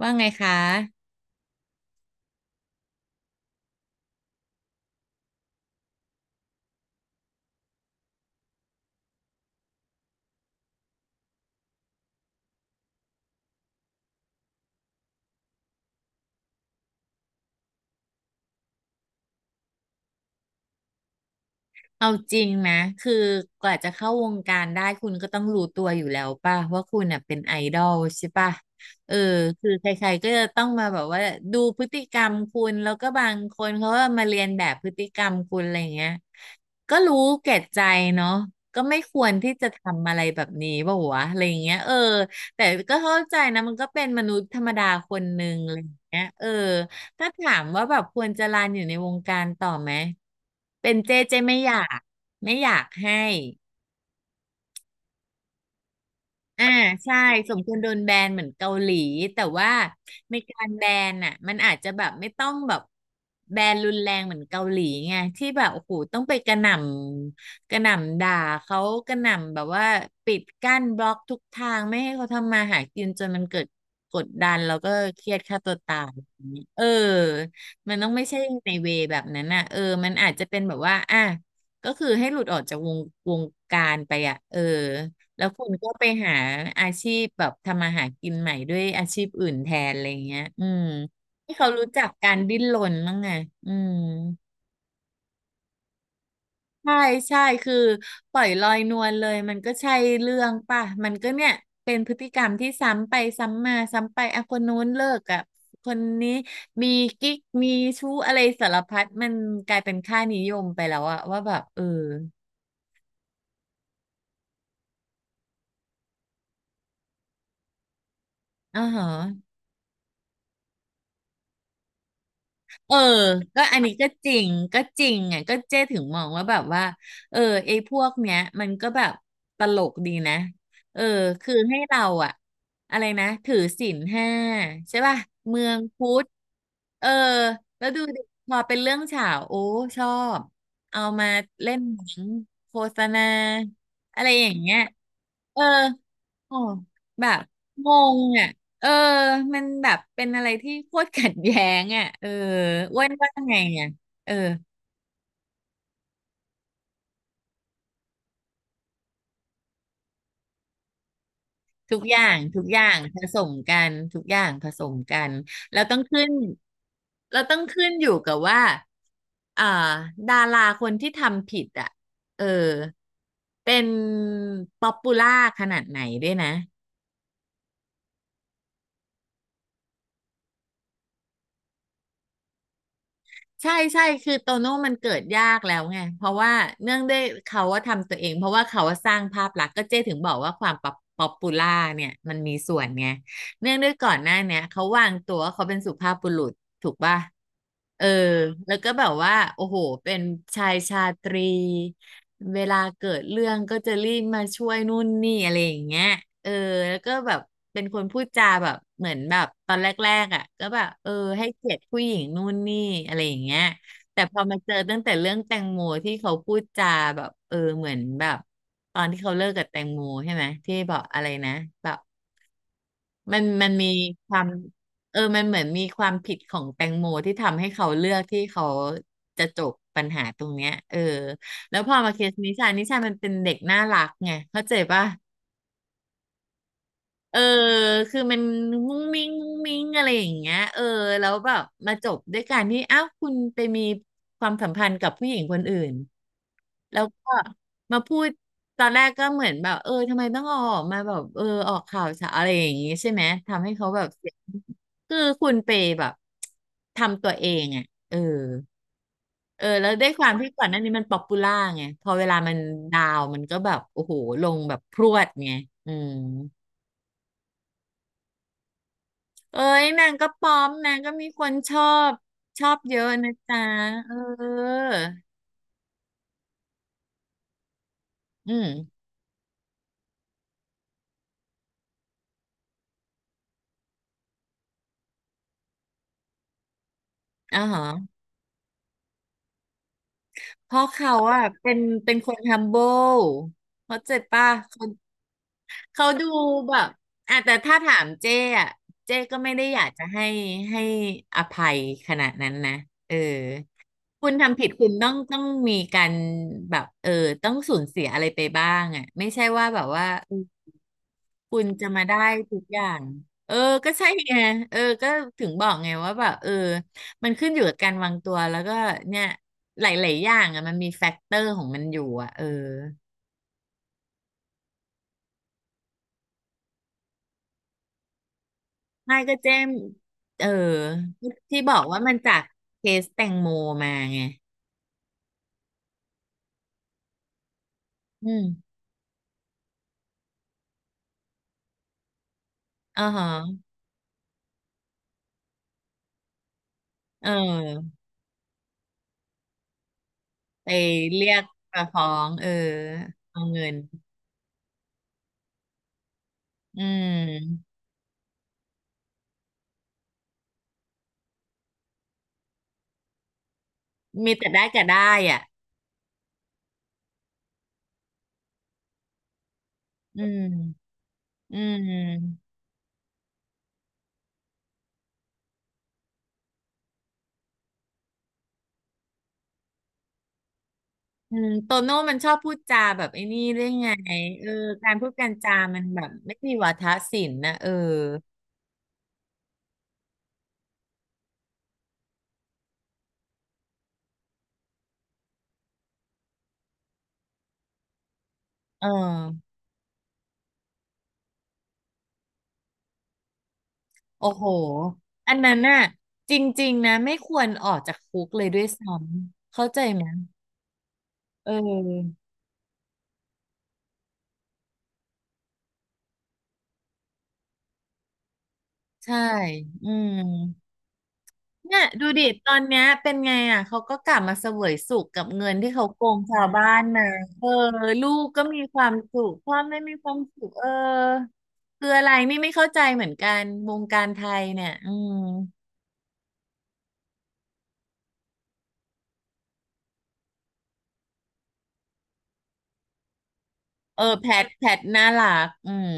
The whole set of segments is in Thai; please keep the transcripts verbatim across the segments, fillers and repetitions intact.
ว่าไงคะ เอาจริงนะ คือกว่าจะเข้าวงการได้คุณก็ต้องรู้ตัวอยู่แล้วป่ะว่าคุณน่ะเป็นไอดอลใช่ป่ะเออคือใครๆก็จะต้องมาแบบว่าดูพฤติกรรมคุณแล้วก็บางคนเขาก็มาเรียนแบบพฤติกรรมคุณอะไรเงี้ยก็รู้แก่ใจเนาะก็ไม่ควรที่จะทำอะไรแบบนี้ป่ะวะอะไรเงี้ยเออแต่ก็เข้าใจนะมันก็เป็นมนุษย์ธรรมดาคนหนึ่งอะไรเงี้ยเออ ถ้าถามว่าแบบควรจะลาอยู่ในวงการต่อไหม เป็นเจเจไม่อยาก ไม่อยากให้ อ่าใช่สมควรโดนแบนเหมือนเกาหลีแต่ว่าในการแบนอ่ะมันอาจจะแบบไม่ต้องแบบแบนรุนแรงเหมือนเกาหลีไงที่แบบโอ้โหต้องไปกระหน่ำกระหน่ำด่าเขากระหน่ำแบบว่าปิดกั้นบล็อกทุกทางไม่ให้เขาทำมาหากินจนมันเกิดกดดันแล้วก็เครียดฆ่าตัวตายอย่างเงี้ยเออมันต้องไม่ใช่ในเวแบบนั้นอ่ะเออมันอาจจะเป็นแบบว่าอ่ะก็คือให้หลุดออกจากวงวงการไปอ่ะเออ แล้วคุณก็ไปหาอาชีพแบบทำมาหากินใหม่ด้วยอาชีพอื่นแทนอะไรเงี้ยอืมให้เขารู้จักการดิ้นรนบ้างไงอืมใช่ใช่คือปล่อยลอยนวลเลยมันก็ใช่เรื่องป่ะ มันก็เนี่ยเป็นพฤติกรรมที่ซ้ำไปซ้ำมาซ้ำไปอ่ะคนนู้นเลิกกับคนนี้มีกิ๊กมีชู้อะไรสารพัดมันกลายเป็นค่านิยมไปแล้วอะว่าแบบเอออ๋อฮะ เออ ก็อันนี้ก็จริง ก็จริงไงก็เจ๊ถึงมองว่าแบบว่า เออ ไอ้พวกเนี้ยมันก็แบบตลกดีนะ เออ คือให้เราอะอะไรนะ ถือศีลห้าใช่ป่ะเมืองพุทธ เออ แล้วดูดิพอเป็นเรื่องฉาวโอ้ ชอบ เอามาเล่นหนังโฆษณาอะไรอย่างเงี้ยเออ อ๋อแบบงงอ่ะเออมันแบบเป็นอะไรที่โคตรขัดแย้งอ่ะเอออ้วนว่าไงอ่ะเออทุกอย่างทุกอย่างผสมกันทุกอย่างผสมกันแล้วต้องขึ้นเราต้องขึ้นอยู่กับว่าอ่าดาราคนที่ทำผิดอ่ะเออเป็นป๊อปปูล่าขนาดไหนด้วยนะ ใช่ใช่คือโตโน่มันเกิดยากแล้วไงเพราะว่าเนื่องด้วยเขาว่าทำตัวเองเพราะว่าเขาว่าสร้างภาพลักษณ์ก็เจ๊ถึงบอกว่าความป๊อปป๊อปปูล่าเนี่ยมันมีส่วนไงเนื่องด้วยก่อนหน้าเนี่ยเขาวางตัวว่าเขาเป็นสุภาพบุรุษ ถูกป่ะเออแล้วก็แบบว่าโอ้โหเป็นชายชาตรีเวลาเกิดเรื่องก็จะรีบมาช่วยนู่นนี่อะไรอย่างเงี้ยเออแล้วก็แบบเป็นคนพูดจาแบบเหมือนแบบตอนแรกๆอ่ะก็แบบเออให้เกียรติผู้หญิงนู่นนี่อะไรอย่างเงี้ยแต่พอมาเจอตั้งแต่เรื่องแตงโมที่เขาพูดจาแบบเออเหมือนแบบตอนที่เขาเลิกกับแตงโมใช่ไหมที่บอกอะไรนะแบบ มันมันมีความเออมันเหมือนมีความผิดของแตงโมที่ทำให้เขาเลือกที่เขาจะจบปัญหาตรงเนี้ยเออแล้วพอมาเคสนิชานิชามันเป็นเด็กน่ารักไงเข้าใจป่ะ เออคือมันมุ้งมิ้งมุ้งมิ้งอะไรอย่างเงี้ยเออแล้วแบบมาจบด้วยการที่อ้าวคุณไปมีความสัมพันธ์กับผู้หญิงคนอื่นแล้วก็มาพูดตอนแรกก็เหมือนแบบเออทำไมต้องเอาออกมาแบบเออออกข่าวสารอะไรอย่างงี้ใช่ไหมทำให้เขาแบบเสียคือคุณไปแบบทำตัวเองอ่ะเออเออแล้วด้วยความที่ก่อนหน้านี้มันป๊อปปูล่าไงพอเวลามันดาวน์มันก็แบบโอ้โหลงแบบพรวดไงอืม เอ้ยนางก็ป้อมนางก็มีคนชอบชอบเยอะนะจ๊ะเอออืมอ่าฮะเพราะเขาอะเป็นเป็นคน humble เบิลเขาใจป่ะเขาเขาดูแบบอ่ะแต่ถ้าถามเจ้อะเจ้ก็ไม่ได้อยากจะให้ให้อภัยขนาดนั้นนะเออคุณทำผิดคุณต้องต้องมีการแบบเออต้องสูญเสียอะไรไปบ้างอะไม่ใช่ว่าแบบว่า คุณจะมาได้ทุกอย่าง เออ ก็ใช่ไงเออก็ถึงบอกไงว่าแบบเออมันขึ้นอยู่กับการวางตัวแล้วก็เนี่ยหลายๆอย่างอ่ะมันมีแฟกเตอร์ของมันอยู่อ่ะเออไม่ก็เจ้มเออที่บอกว่ามันจากเคสแตงโมมาไงอืมอ่าฮะเออไปเรียกประฟ้องเออเอาเงินอืมมีแต่ได้กับได้อ่ะอืมอืม อืมโตโน่มันชอบพูดจาแบบไอ้นี่เรื่องไงเออการพูดการจามันแบบไม่มีวาทศิลป์นะเออเออโอ้โหอันนั้นน่ะจริงๆนะไม่ควรออกจากคุกเลยด้วยซ้ำเข้าใจไหมเออใช่อืม เนี่ยดูดิตอนเนี้ยเป็นไงอ่ะเขาก็กลับมาเสวยสุขกับเงินที่เขาโกงชาวบ้านมาเออลูกก็มีความสุขพ่อแม่มีความสุขเออคืออะไรนี่ไม่เข้าใจเหมือนกันวงการไทยเนี่ยอืมเออแพทแพทน่ารักอืม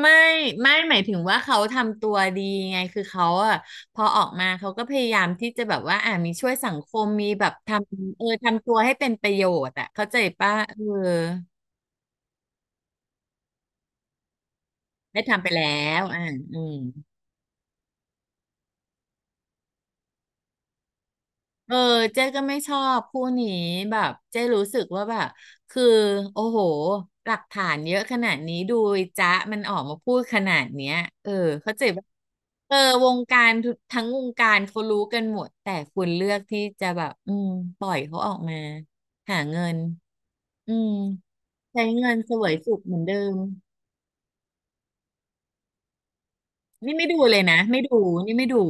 ไม่ไม่หมายถึงว่าเขาทำตัวดีไงคือเขาอะพอออกมาเขาก็พยายามที่จะแบบว่าอ่ามีช่วยสังคมมีแบบทำเออทำตัวให้เป็นประโยชน์อะเข้าใจป่ะเออ ได้ทำไปแล้วอ่าอืมเออเจ๊ก็ไม่ชอบคู่นี้แบบเจ๊รู้สึกว่าแบบคือโอ้โหหลักฐานเยอะขนาดนี้ดูไอ้จ๊ะมันออกมาพูดขนาดเนี้ยเออเข้าใจปะเออวงการทุกทั้งวงการเขารู้กันหมดแต่คุณเลือกที่จะแบบอืมปล่อยเขาออกมาหาเงินอืมใช้เงินเสวยสุขเหมือนเดิมนี่ไม่ดูเลยนะไม่ดูนี่ไม่ดู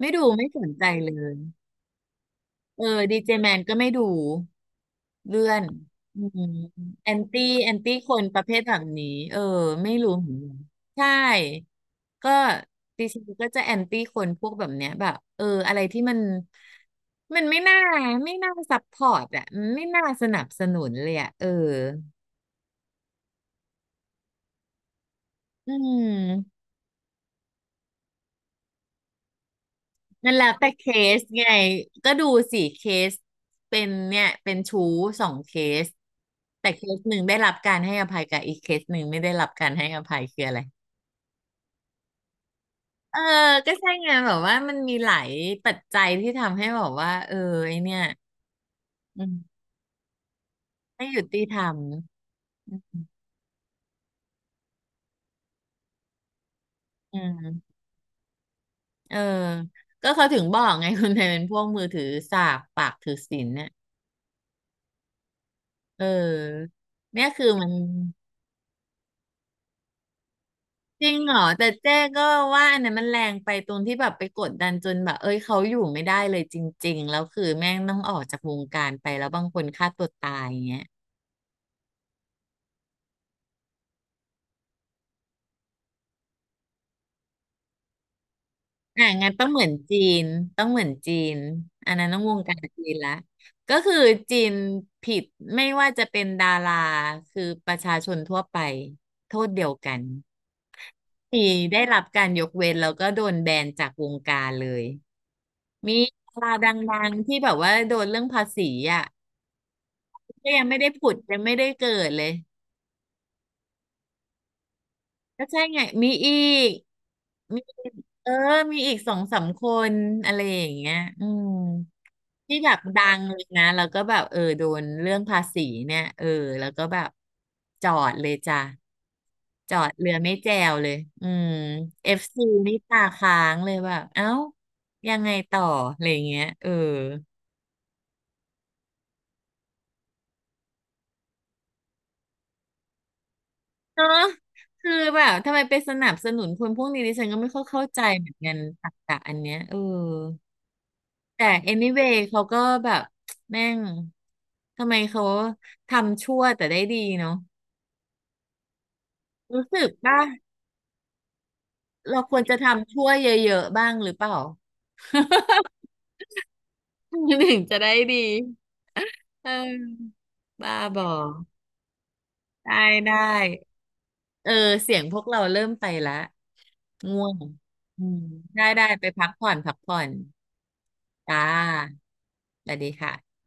ไม่ดูไม่สนใจเลย เออดีเจแมนก็ไม่ดูเลื่อนอืมแอนตี้แอนตี้คนประเภทแบบนี้เออไม่รู้เหมือนกันใช่ก็ดิฉันก็จะแอนตี้คนพวกแบบเนี้ยแบบเอออะไรที่มันมันไม่น่าไม่น่าซัพพอร์ตอ่ะมันไม่น่าสนับสนุนเลยอ่ะเอออืม นั่นแหละแต่เคสไงก็ดูสี่เคสเป็นเนี่ยเป็นชู้สองเคสแต่เคสหนึ่งได้รับการให้อภัยกับอีกเคสหนึ่งไม่ได้รับการให้อภัยคืออะไรเออก็ใช่ไงแบบว่ามันมีหลายปัจจัยที่ทำให้แบบว่าเออไอเนี่ยอืมไม่ยุติธรรมอืมอืมเออก็เขาถึงบอกไงคนไทยเป็นพวกมือถือสากปากถือศีลเนี่ยเออเนี่ยคือมัน จริงเหรอแต่เจ๊ก็ว่าอันนั้นมันแรงไปตรงที่แบบไปกดดันจนแบบเอ้ยเขาอยู่ไม่ได้เลยจริงๆแล้วคือแม่งต้องออกจากวงการไปแล้วบางคนฆ่าตัวตายอย่างเงี้ยอ่ะงั้นต้องเหมือนจีนต้องเหมือนจีนอันนั้นต้องวงการจีนละก็คือจีนผิดไม่ว่าจะเป็นดาราคือประชาชนทั่วไปโทษเดียวกันมีได้รับการยกเว้นแล้วก็โดนแบนจากวงการเลยมีดาราดังๆที่แบบว่าโดนเรื่องภาษีอ่ะ ก็ยังไม่ได้ผุดยังไม่ได้เกิดเลยก็ใช่ไงมีอีกมีอีกเออมีอีกสองสามคนอะไรอย่างเงี้ยอืมที่แบบดังเลยนะแล้วก็แบบเออโดนเรื่องภาษีเนี่ยเออแล้วก็แบบจอดเลยจ้ะจอดเรือไม่แจวเลยอืมเอฟซีนี่ตาค้างเลยแบบเอ้ายังไงต่ออะไรอย่างเงี้ยเออ เนอะคือแบบทำไมไปสนับสนุนคนพวกนี้ดิฉันก็ไม่ค่อยเข้าใจเหมือนกันตรรกะอันเนี้ยเออแต่ anyway เขาก็แบบแม่งทำไมเขาทำชั่วแต่ได้ดีเนาะรู้สึกป่ะเราควรจะทำชั่วเยอะๆบ้างหรือเปล่า ถึงจะได้ดีเออบ้าบอได้ได้เออเสียงพวกเราเริ่มไปละง่วงอืมได้ได้ไปพักผ่อนพักผ่อน จ้าสวัสดีค่ะ